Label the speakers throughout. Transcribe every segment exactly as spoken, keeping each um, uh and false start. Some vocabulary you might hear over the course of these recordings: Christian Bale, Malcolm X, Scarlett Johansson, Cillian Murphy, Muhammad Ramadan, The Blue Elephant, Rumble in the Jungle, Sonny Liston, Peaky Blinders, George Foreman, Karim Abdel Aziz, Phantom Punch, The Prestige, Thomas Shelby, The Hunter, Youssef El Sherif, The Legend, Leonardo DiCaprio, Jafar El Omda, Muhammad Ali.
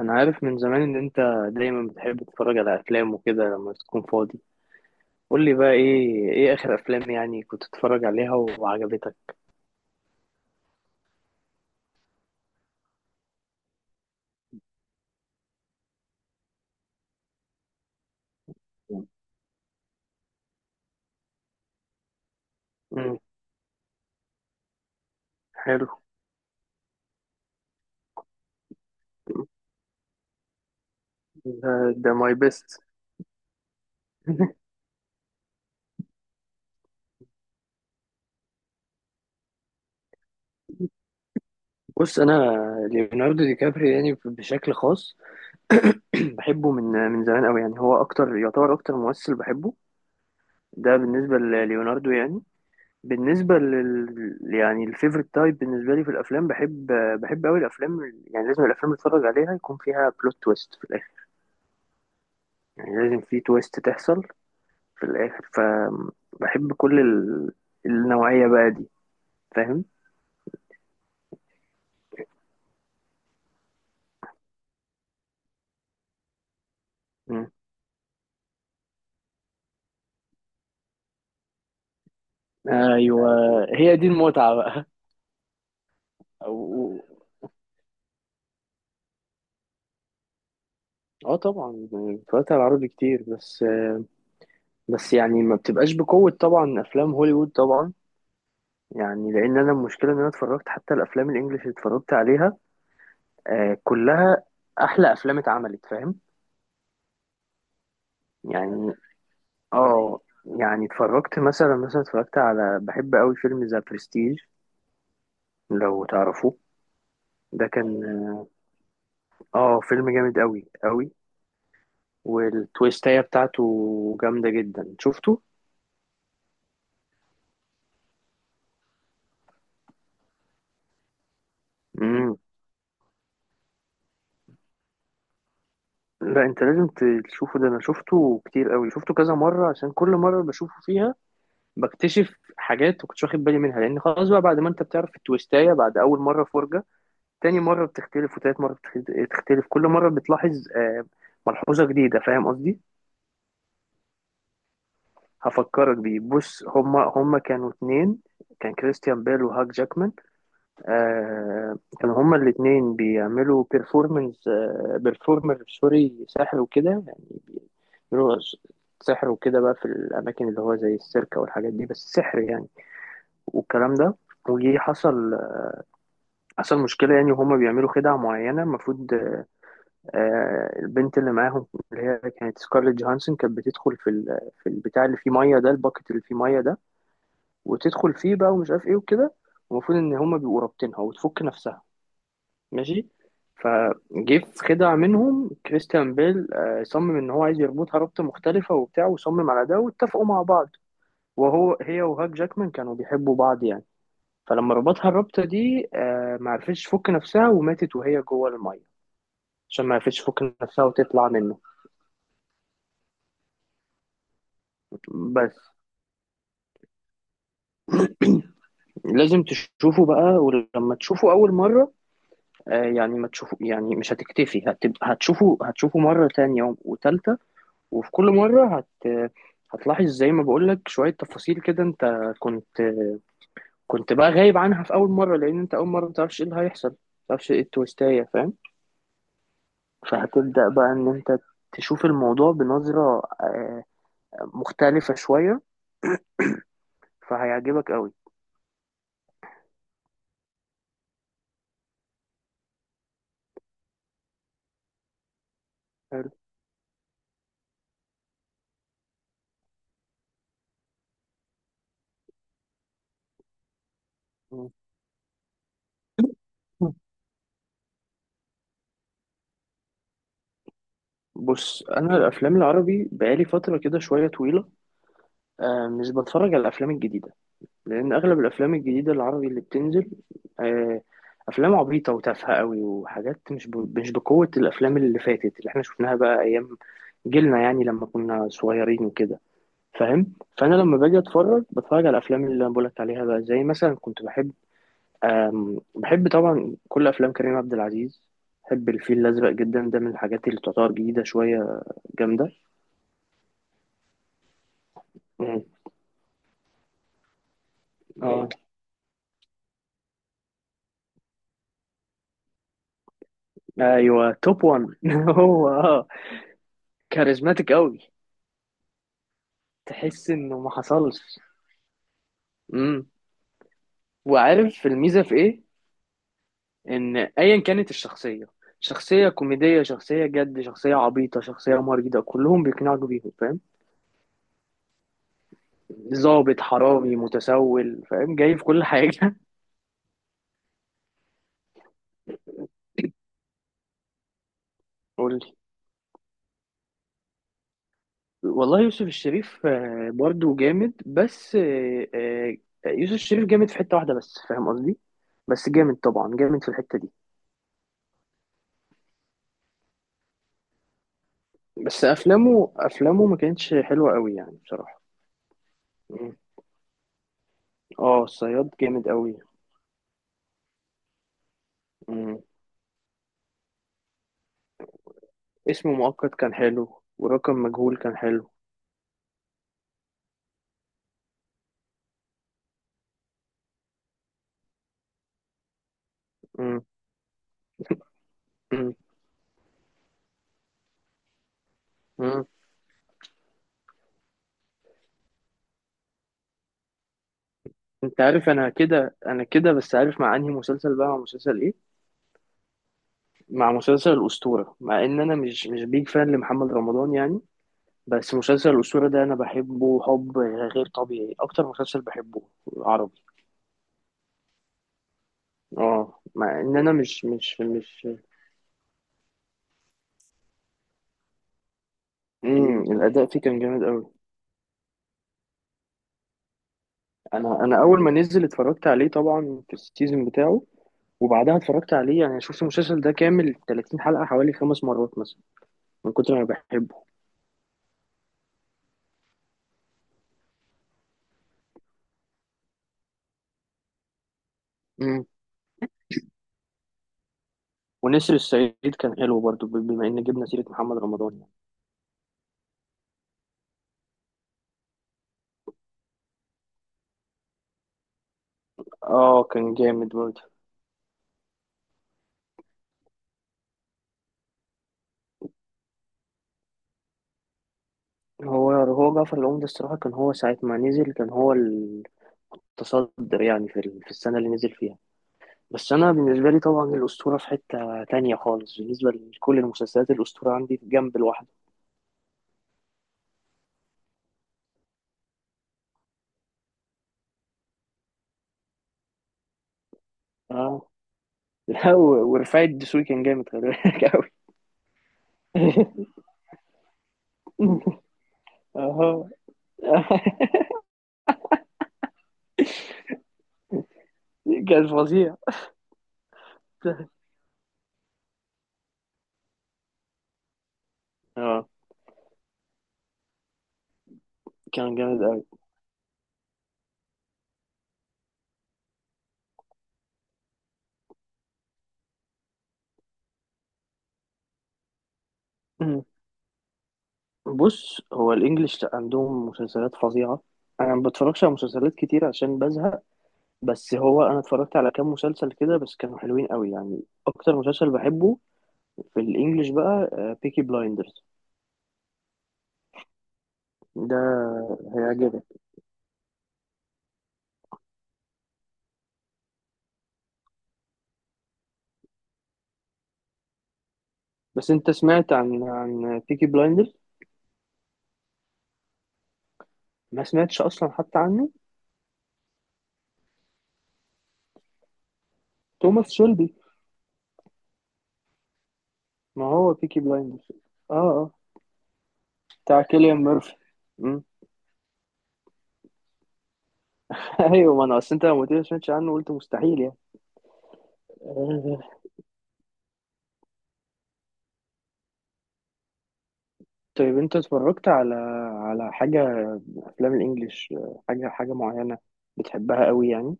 Speaker 1: انا عارف من زمان ان انت دايما بتحب تتفرج على افلام وكده لما تكون فاضي. قول لي بقى ايه ايه اخر افلام يعني كنت تتفرج عليها وعجبتك. امم. حلو. ده, ده ماي بيست. بص انا ليوناردو دي كابري يعني بشكل خاص. بحبه من من زمان قوي يعني هو اكتر يعتبر اكتر ممثل بحبه. ده بالنسبه لليوناردو يعني. بالنسبه لل يعني الفيفورت تايب بالنسبه لي في الافلام. بحب بحب قوي الافلام، يعني لازم الافلام اللي اتفرج عليها يكون فيها بلوت تويست في الاخر. يعني لازم في تويست تحصل في الآخر، فبحب كل ال... النوعية بقى دي. فاهم؟ مم. ايوه. هي دي المتعه بقى. أو... اه طبعا اتفرجت على العربي كتير، بس بس يعني ما بتبقاش بقوه طبعا افلام هوليوود طبعا، يعني لان انا المشكله ان انا اتفرجت حتى الافلام الانجليش اللي اتفرجت عليها آه كلها احلى افلام اتعملت، فاهم؟ يعني اه يعني اتفرجت مثلا مثلا اتفرجت على بحب قوي فيلم ذا برستيج، لو تعرفوه. ده كان اه فيلم جامد قوي قوي، والتويستاية بتاعته جامدة جدا. شفته؟ مم. لا انت لازم تشوفه. ده انا شفته كتير قوي، شفته كذا مرة عشان كل مرة بشوفه فيها بكتشف حاجات ما كنتش واخد بالي منها، لان خلاص بقى بعد ما انت بتعرف التويستاية بعد اول مرة فرجة، تاني مرة بتختلف وتالت مرة بتخت- بتختلف، كل مرة بتلاحظ آه، ملحوظة جديدة. فاهم قصدي؟ هفكرك بيه. بص هما هما كانوا اتنين، كان كريستيان بيل وهاك جاكمان. آه كانوا هما الاتنين بيعملوا بيرفورمنس آه بيرفورمر سوري، ساحر وكده يعني، بيعملوا سحر وكده بقى في الأماكن اللي هو زي السيرك أو الحاجات دي، بس سحر يعني والكلام ده. وجي حصل حصل مشكلة يعني، وهما بيعملوا خدعة معينة. المفروض آه، البنت اللي معاهم اللي هي كانت سكارليت جوهانسون كانت بتدخل في ال- في البتاع اللي فيه مية ده، الباكت اللي فيه مية ده، وتدخل فيه بقى ومش عارف ايه وكده. المفروض ان هما بيبقوا رابطينها وتفك نفسها، ماشي. فجه في خدعة منهم كريستيان بيل آه، صمم ان هو عايز يربطها ربطة مختلفة وبتاع، وصمم على ده واتفقوا مع بعض. وهو هي وهاك جاكمان كانوا بيحبوا بعض يعني، فلما ربطها الربطة دي آه، ما عرفتش تفك نفسها وماتت وهي جوه المية، عشان ما عرفتش تفك نفسها وتطلع منه. بس لازم تشوفه بقى، ولما تشوفه أول مرة آه، يعني ما تشوفه يعني مش هتكتفي، هتبقى هتشوفه هتشوفه مرة تانية وتالتة. وفي كل مرة هت هتلاحظ زي ما بقولك شوية تفاصيل كده انت كنت كنت بقى غايب عنها في أول مرة، لأن انت أول مرة متعرفش ايه اللي هيحصل، متعرفش ايه التويستاية، فاهم؟ فهتبدأ بقى ان انت تشوف الموضوع بنظرة آه، مختلفة شوية، فهيعجبك قوي. حلو. مم. بص أنا الأفلام العربي بقالي فترة كده شوية طويلة آه، مش بتفرج على الأفلام الجديدة، لأن أغلب الأفلام الجديدة العربي اللي بتنزل آه، أفلام عبيطة وتافهة قوي وحاجات مش ب... مش بقوة الأفلام اللي فاتت اللي احنا شفناها بقى أيام جيلنا، يعني لما كنا صغيرين وكده، فاهم؟ فأنا لما باجي أتفرج بتفرج على الأفلام اللي أنا بقولك عليها بقى، زي مثلا كنت بحب آم، بحب طبعا كل أفلام كريم عبد العزيز. بحب الفيل الأزرق جدا، ده من الحاجات اللي تعتبر جديدة شوية. جامدة. مم. اه. أيوه توب وان. هو اه كاريزماتيك قوي، تحس إنه ما حصلش. امم. وعارف الميزه في ايه؟ ان ايا كانت الشخصيه، شخصيه كوميديه، شخصيه جد، شخصيه عبيطه، شخصيه مريضه، كلهم بيقنعوا بيهم، فاهم؟ ظابط، حرامي، متسول، فاهم، جاي في كل حاجه. قول لي. والله يوسف الشريف آه، برضو جامد بس آه، آه، يوسف الشريف جامد في حته واحده بس، فاهم قصدي؟ بس جامد طبعا جامد في الحته دي، بس افلامه افلامه ما كانتش حلوه قوي يعني بصراحه. مم. اه الصياد جامد قوي. اسم مؤقت كان حلو، ورقم مجهول كان حلو. مم. مم. مم. انت عارف انا كده، انا كده بس، عارف مع انهي مسلسل بقى؟ مع مسلسل ايه؟ مع مسلسل الاسطوره. مع ان انا مش مش بيج فان لمحمد رمضان يعني، بس مسلسل الاسطوره ده انا بحبه حب غير طبيعي، اكتر مسلسل بحبه عربي. اه مع ان انا مش مش مش. مم. الاداء فيه كان جامد قوي. انا انا اول ما نزل اتفرجت عليه طبعا في السيزون بتاعه، وبعدها اتفرجت عليه يعني شفت المسلسل ده كامل ثلاثين حلقة حوالي خمس مرات مثلا، من كتر ما بحبه. امم. ونسر الصعيد كان حلو برضو، ب- بما ان جبنا سيرة محمد رمضان يعني. اه كان جامد برضو. هو هو جعفر العمدة الصراحة كان هو ساعة ما نزل كان هو التصدر يعني في ال- في السنة اللي نزل فيها. بس أنا بالنسبة لي طبعا الأسطورة في حتة تانية خالص، بالنسبة لكل المسلسلات الأسطورة عندي في جنب لوحده. اه. لا و- ورفاعي الدسوقي كان جامد، خلي بالك أوي. اه كان فظيع. اه كان جامد قوي. مم. بص هو الانجليش لأ، عندهم مسلسلات فظيعة. انا ما بتفرجش على مسلسلات كتير عشان بزهق، بس هو انا اتفرجت على كام مسلسل كده بس كانوا حلوين قوي يعني. اكتر مسلسل بحبه في الانجليش بقى بيكي بلايندرز. ده هيعجبك. بس انت سمعت عن عن بيكي بلايندرز؟ ما سمعتش اصلا حتى عنه؟ توماس شيلبي. ما هو بيكي بلايندرز. اه اه. بتاع كيليان ميرفي. مم. ايوه ما انا اصل انت لما قلت لي ما سمعتش عنه قلت مستحيل يعني. آه، طيب انت اتفرجت على على حاجة افلام الانجليش آه، حاجة حاجة معينة بتحبها قوي يعني؟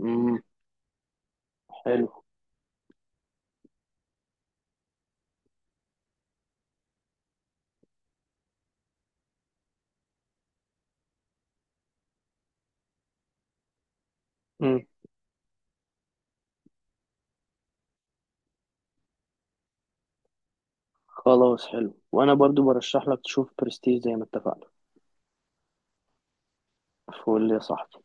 Speaker 1: امم. حلو. امم. خلاص حلو، وانا برضو برشح لك تشوف برستيج زي ما اتفقنا. فقول لي يا صاحبي.